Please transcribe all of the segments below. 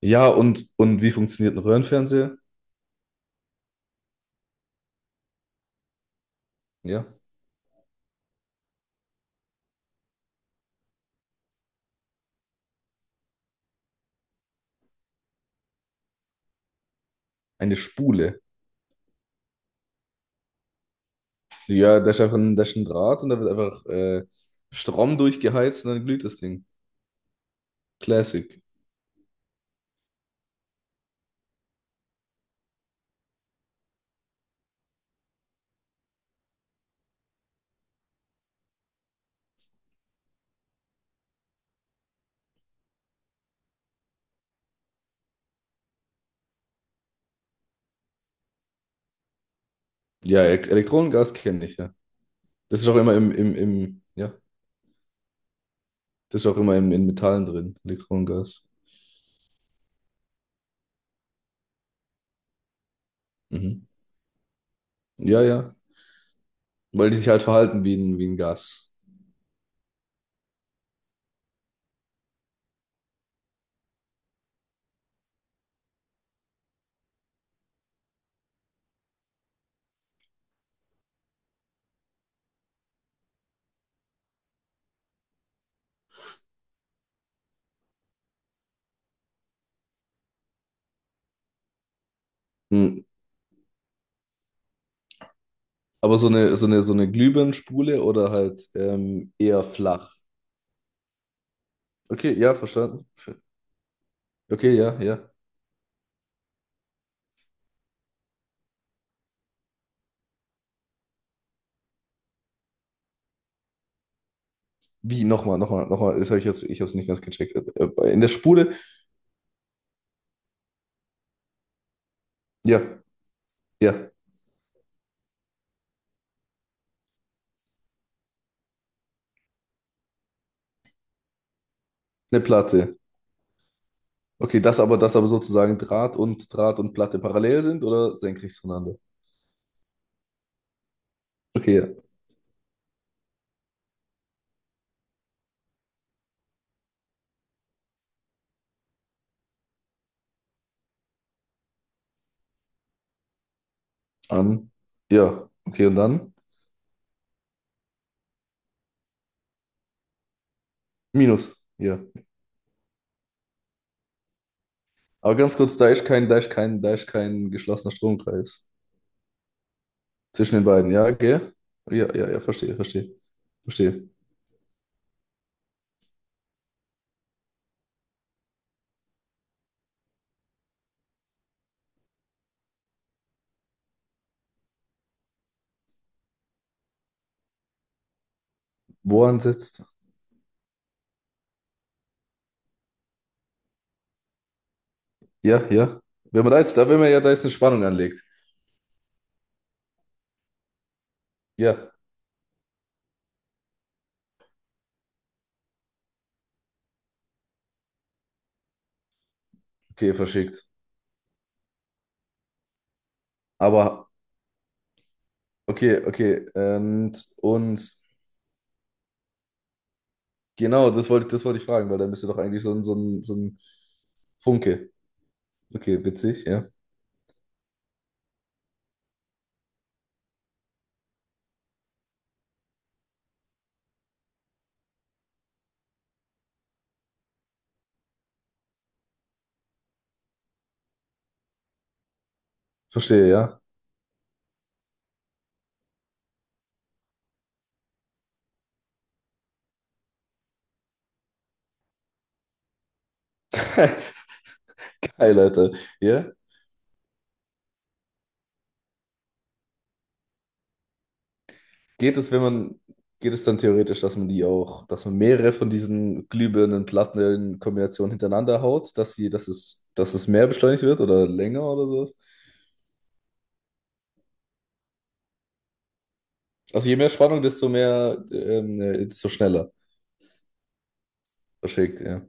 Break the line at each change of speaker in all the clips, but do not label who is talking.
Ja, und wie funktioniert ein Röhrenfernseher? Ja, eine Spule. Ja, da ist einfach ein, da ist ein Draht und da wird einfach Strom durchgeheizt und dann glüht das Ding. Classic. Ja, E- Elektronengas kenne ich, ja. Das ist auch immer im, ja, das ist auch immer im, in Metallen drin, Elektronengas. Mhm. Ja, ja. Weil die sich halt verhalten wie ein Gas. Mhm. Aber so eine, so eine, so eine Glühbirnenspule oder halt eher flach. Okay, ja, verstanden. Okay, ja, ja. Wie? Nochmal, nochmal, nochmal. Das hab ich jetzt, ich habe es nicht ganz gecheckt. In der Spule? Ja, ja, eine Platte. Okay, das aber sozusagen Draht und Draht und Platte parallel sind oder senkrecht zueinander? Okay, ja. An. Ja, okay, und dann? Minus. Ja. Aber ganz kurz, da ist kein, da ist kein, da ist kein geschlossener Stromkreis zwischen den beiden. Ja, gell? Ja, ja, ja, verstehe, verstehe, verstehe. Wo ansetzt? Ja, ja. Wenn man da jetzt, da, wenn man ja da jetzt eine Spannung anlegt. Ja, okay, verschickt. Aber okay, okay. Und genau, das wollte ich fragen, weil da müsste doch eigentlich so ein, so ein, so ein Funke. Okay, witzig, ja. Verstehe, ja. Geil, Alter. Ja. Geht es, wenn man, geht es dann theoretisch, dass man die auch, dass man mehrere von diesen glühbirnen Platten in Kombination hintereinander haut, dass sie, dass es mehr beschleunigt wird oder länger oder sowas? Also je mehr Spannung, desto mehr, desto schneller verschickt, ja.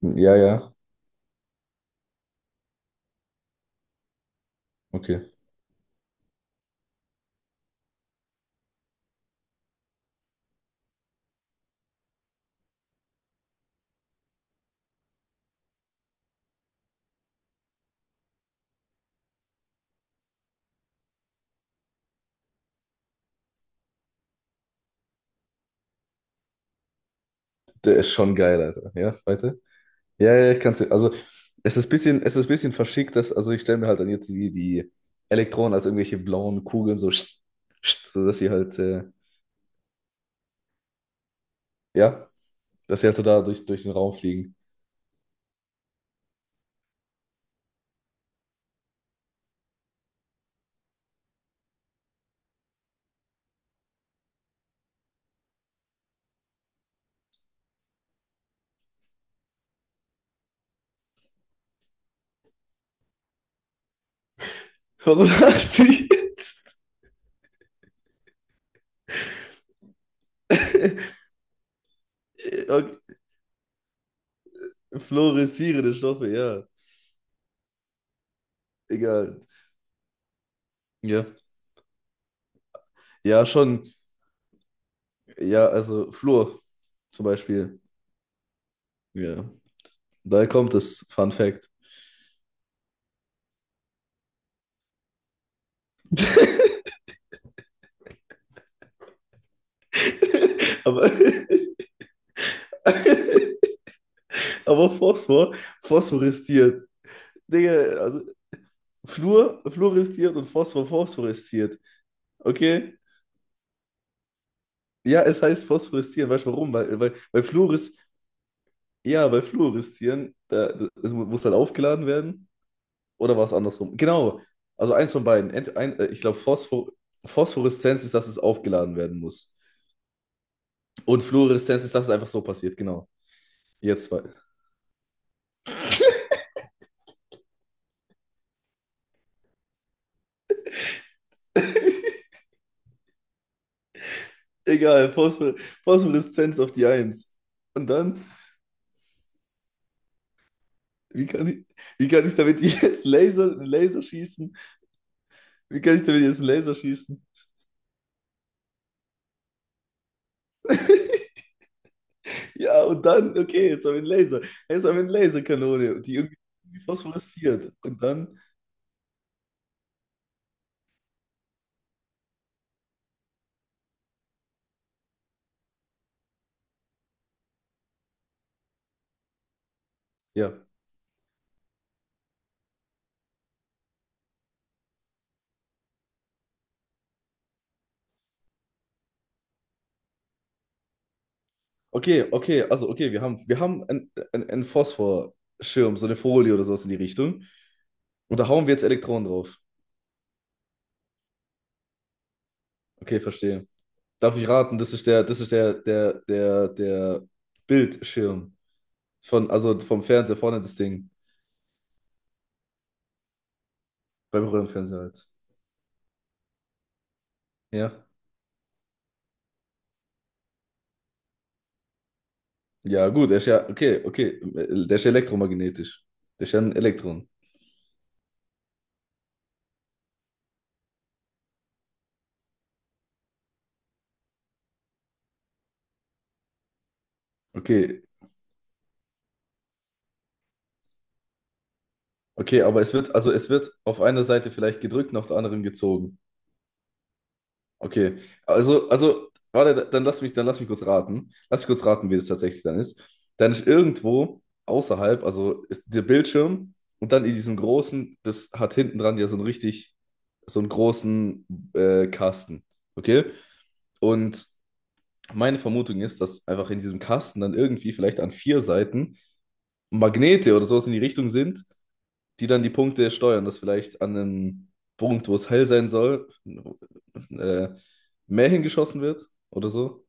Ja, ja. Okay. Der ist schon geil, Alter. Ja, weiter. Ja, ja, ich kann es. Also, es ist ein bisschen, es ist ein bisschen verschickt, dass, also ich stelle mir halt dann jetzt die, die Elektronen als irgendwelche blauen Kugeln so, sch- sch- so dass sie halt, ja, dass sie halt so da durch, durch den Raum fliegen. Warum lachst du jetzt? Okay, fluoreszierende Stoffe, ja. Egal. Ja. Ja, schon. Ja, also Fluor zum Beispiel. Ja. Daher kommt das Fun Fact. Aber, aber Phosphor, phosphorisiert. Digga, also Fluor, fluoresziert und Phosphor, phosphoresziert. Okay? Ja, es heißt phosphoreszieren. Weißt du warum? Weil, weil, weil Fluores, ja, bei Fluoreszieren, da, das, es muss dann aufgeladen werden. Oder war es andersrum? Genau. Also eins von beiden. Ent, ein, ich glaube, Phosphor, Phosphoreszenz ist, dass es aufgeladen werden muss. Und Fluoreszenz ist, dass es einfach so passiert. Genau. Jetzt zwei. Egal, Phosphor, Phosphoreszenz auf die Eins. Und dann, wie kann ich, wie kann ich damit jetzt Laser, Laser schießen? Wie kann ich damit jetzt einen Laser schießen? Ja, und dann, okay, jetzt haben wir einen Laser. Jetzt haben wir eine Laserkanone, die irgendwie phosphoresziert. Und dann, ja. Okay, okay, also okay, wir haben einen, einen, einen Phosphorschirm, so eine Folie oder sowas in die Richtung. Und da hauen wir jetzt Elektronen drauf. Okay, verstehe. Darf ich raten, das ist der, der, der, der Bildschirm. Von, also vom Fernseher vorne das Ding. Beim Röhrenfernseher halt. Ja. Ja, gut, er ist ja, okay, okay, der ist ja elektromagnetisch. Der ist ja ein Elektron. Okay, okay, aber es wird, also es wird auf einer Seite vielleicht gedrückt und auf der anderen gezogen. Okay, also, warte, dann lass mich kurz raten. Lass mich kurz raten, wie das tatsächlich dann ist. Dann ist irgendwo außerhalb, also ist der Bildschirm und dann in diesem großen, das hat hinten dran ja so einen richtig, so einen großen Kasten. Okay? Und meine Vermutung ist, dass einfach in diesem Kasten dann irgendwie vielleicht an 4 Seiten Magnete oder sowas in die Richtung sind, die dann die Punkte steuern, dass vielleicht an einem Punkt, wo es hell sein soll, äh, mehr hingeschossen wird oder so.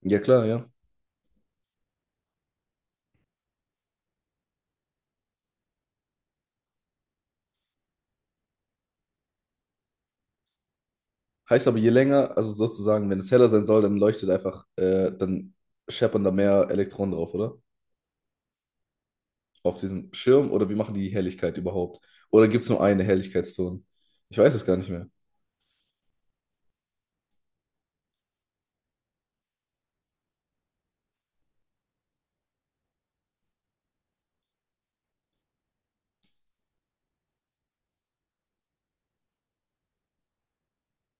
Ja, klar, ja. Heißt aber, je länger, also sozusagen, wenn es heller sein soll, dann leuchtet einfach, dann scheppern da mehr Elektronen drauf, oder? Auf diesen Schirm oder wie machen die die Helligkeit überhaupt? Oder gibt es nur eine Helligkeitszone? Ich weiß es gar nicht mehr.